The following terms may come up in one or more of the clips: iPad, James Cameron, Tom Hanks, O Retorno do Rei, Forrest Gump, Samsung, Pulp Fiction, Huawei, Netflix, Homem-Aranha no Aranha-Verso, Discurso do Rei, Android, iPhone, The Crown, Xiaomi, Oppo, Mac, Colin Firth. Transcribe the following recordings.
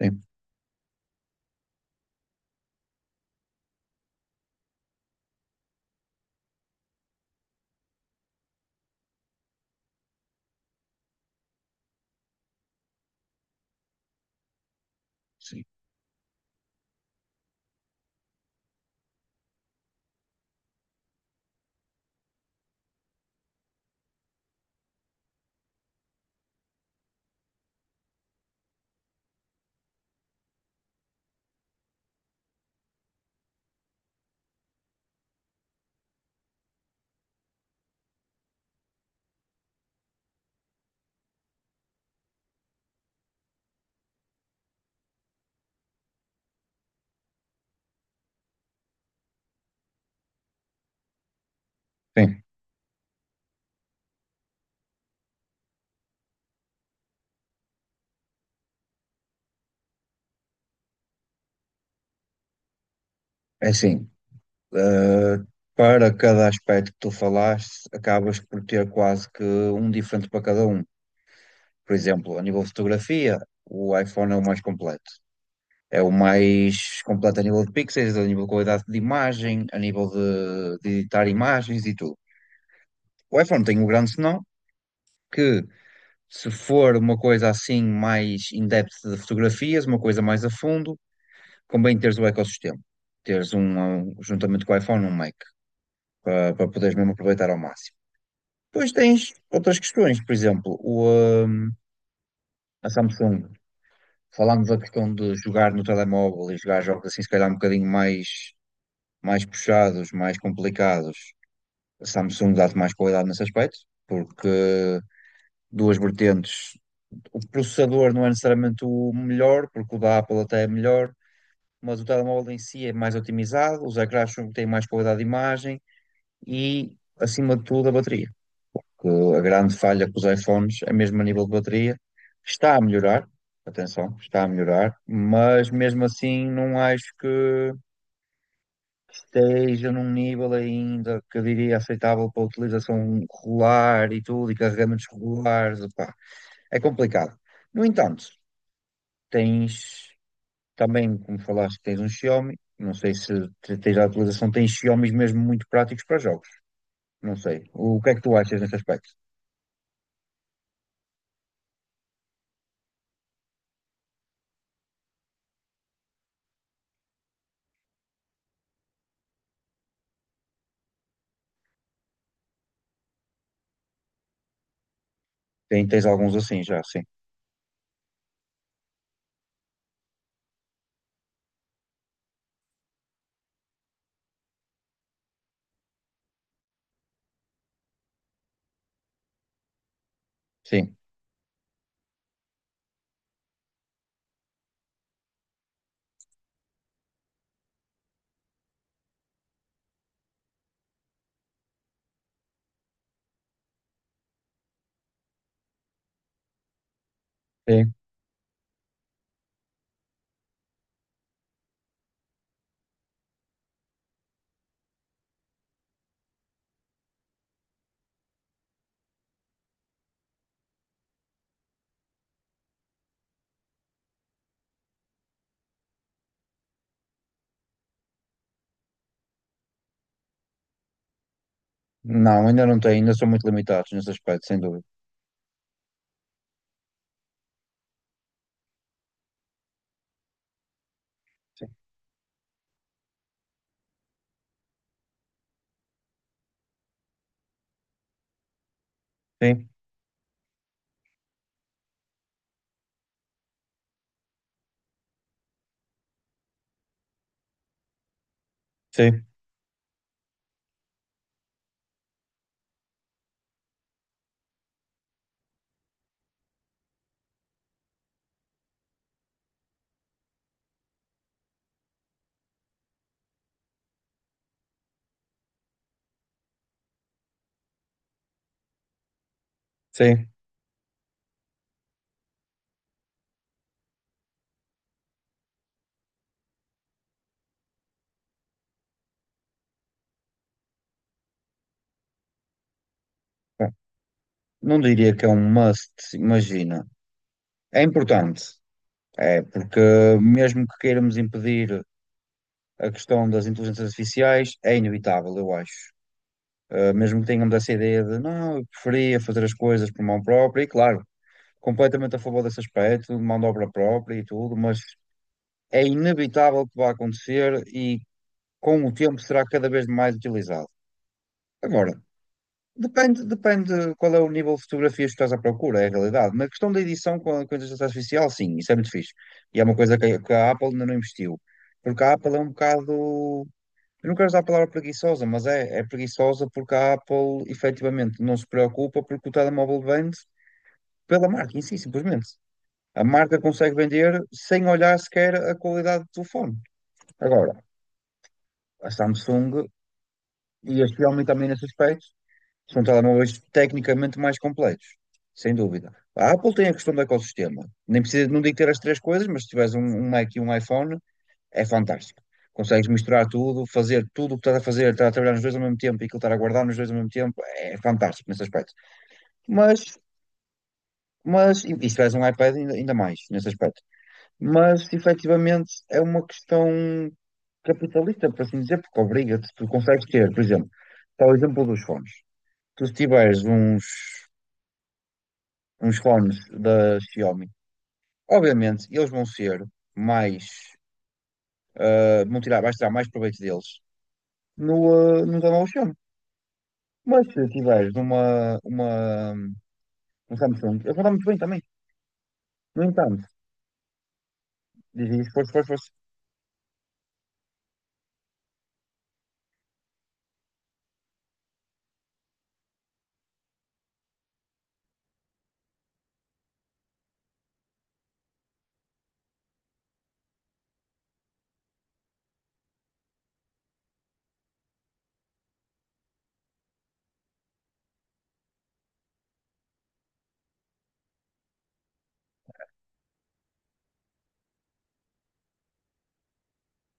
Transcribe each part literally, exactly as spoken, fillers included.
Sim, sim. Sim. É assim, eh, para cada aspecto que tu falaste, acabas por ter quase que um diferente para cada um. Por exemplo, a nível de fotografia, o iPhone é o mais completo. É o mais completo a nível de pixels, a nível de qualidade de imagem, a nível de, de editar imagens e tudo. O iPhone tem um grande senão que, se for uma coisa assim mais in-depth de fotografias, uma coisa mais a fundo, convém teres o ecossistema. Teres um, um, juntamente com o iPhone, um Mac. Para, para poderes mesmo aproveitar ao máximo. Depois tens outras questões, por exemplo, o, hum, a Samsung, falando da questão de jogar no telemóvel e jogar jogos assim, se calhar um bocadinho mais, mais puxados, mais complicados, a Samsung dá-te mais qualidade nesse aspecto, porque duas vertentes, o processador não é necessariamente o melhor, porque o da Apple até é melhor, mas o telemóvel em si é mais otimizado, os ecrãs têm mais qualidade de imagem e, acima de tudo, a bateria. Que A grande falha com os iPhones é mesmo a nível de bateria. Que Está a melhorar, atenção, está a melhorar, mas mesmo assim não acho que esteja num nível ainda que eu diria aceitável para utilização regular e tudo, e carregamentos regulares, opá, é complicado. No entanto, tens também, como falaste, tens um Xiaomi, não sei se te- tens a utilização, tens Xiaomis mesmo muito práticos para jogos, não sei. O que é que tu achas nesse aspecto? Tem- Tens alguns assim já. Sim. Sim. Não, ainda não tenho, ainda são muito limitados nesse aspecto, sem dúvida. Sim. Sim, sim, sim. Não diria que é um must, imagina. É importante, é, porque mesmo que queiramos impedir a questão das inteligências artificiais, é inevitável, eu acho. Uh, mesmo que tenhamos essa ideia de não, eu preferia fazer as coisas por mão própria, e claro, completamente a favor desse aspecto, de mão de obra própria e tudo, mas é inevitável que vá acontecer e com o tempo será cada vez mais utilizado. Agora, depende, depende qual é o nível de fotografias que estás à procura, é a realidade. Na questão da edição com a, com a inteligência artificial, sim, isso é muito fixe. E é uma coisa que, a que a Apple ainda não investiu. Porque a Apple é um bocado. Eu não quero usar a palavra preguiçosa, mas é, é preguiçosa porque a Apple efetivamente não se preocupa porque o telemóvel vende pela marca em si, simplesmente. A marca consegue vender sem olhar sequer a qualidade do telefone. Agora, a Samsung, e a Xiaomi também nesse aspecto, são telemóveis tecnicamente mais completos, sem dúvida. A Apple tem a questão do ecossistema. Nem precisa, não digo ter as três coisas, mas se tiveres um, um Mac e um iPhone, é fantástico. Consegues misturar tudo, fazer tudo o que estás a fazer, estar a trabalhar nos dois ao mesmo tempo e aquilo estar a guardar nos dois ao mesmo tempo, é fantástico nesse aspecto. Mas, mas, e se tiveres um iPad, ainda, ainda mais nesse aspecto. Mas, efetivamente, é uma questão capitalista, por assim dizer, porque obriga-te, tu consegues ter, por exemplo, está o exemplo dos fones. Tu se tiveres uns uns fones da Xiaomi. Obviamente, eles vão ser mais, ah, vão tirar, vais tirar mais proveito deles no, ah, no telemóvel Xiaomi. Mas se tiveres uma, uma, um Samsung, eles vão dar muito bem também. No entanto, diz esforço, esforço, esforço.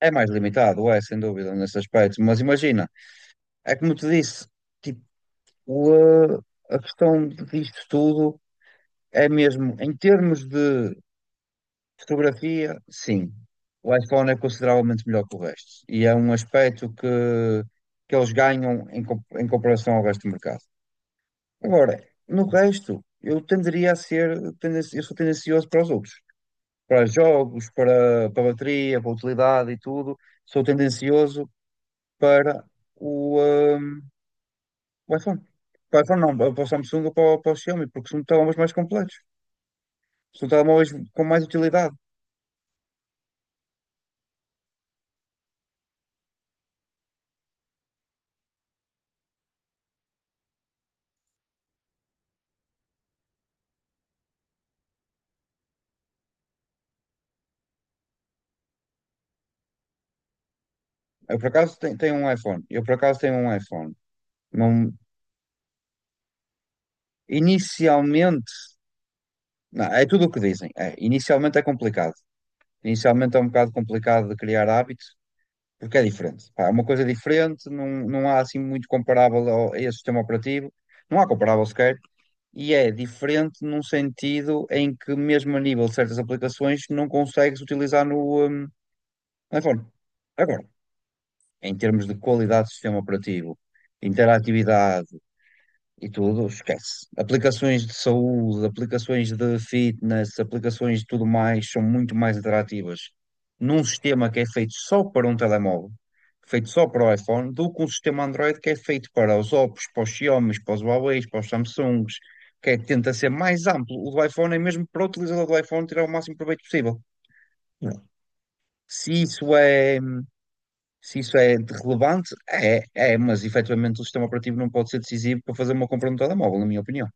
É mais limitado, é, sem dúvida, nesse aspecto. Mas imagina, é como te disse, tipo, ah, a questão disto tudo é mesmo, em termos de fotografia, sim. O iPhone é consideravelmente melhor que o resto. E é um aspecto que, que eles ganham em, com- em comparação ao resto do mercado. Agora, no resto, eu tenderia a ser, tenden- eu sou tendencioso para os outros. Para jogos, para, para bateria, para utilidade e tudo, sou tendencioso para o, hum, o iPhone. Para o iPhone não, para o Samsung ou para, o para o Xiaomi, porque são telemóveis mais completos. São telemóveis com mais utilidade. Eu, por acaso, tenho, tenho um iPhone. Eu, por acaso, tenho um iPhone. Não, inicialmente, não, é tudo o que dizem. É, inicialmente é complicado. Inicialmente é um bocado complicado de criar hábito, porque é diferente. Pá, é uma coisa diferente, não, não há assim muito comparável ao- a esse sistema operativo, não há comparável sequer, e é diferente num sentido em que, mesmo a nível de certas aplicações, não consegues utilizar no, hum, iPhone. Agora, em termos de qualidade do sistema operativo, interatividade e tudo, esquece. Aplicações de saúde, aplicações de fitness, aplicações de tudo mais são muito mais atrativas num sistema que é feito só para um telemóvel, feito só para o iPhone, do que um sistema Android que é feito para os Oppos, para os Xiaomi, para os Huawei, para os Samsungs, que é, que tenta ser mais amplo. O do iPhone é mesmo para o utilizador do iPhone tirar o máximo proveito possível. Não. Se isso é, se isso é de relevante, é, é, mas efetivamente o sistema operativo não pode ser decisivo para fazer uma compra no telemóvel, na minha opinião.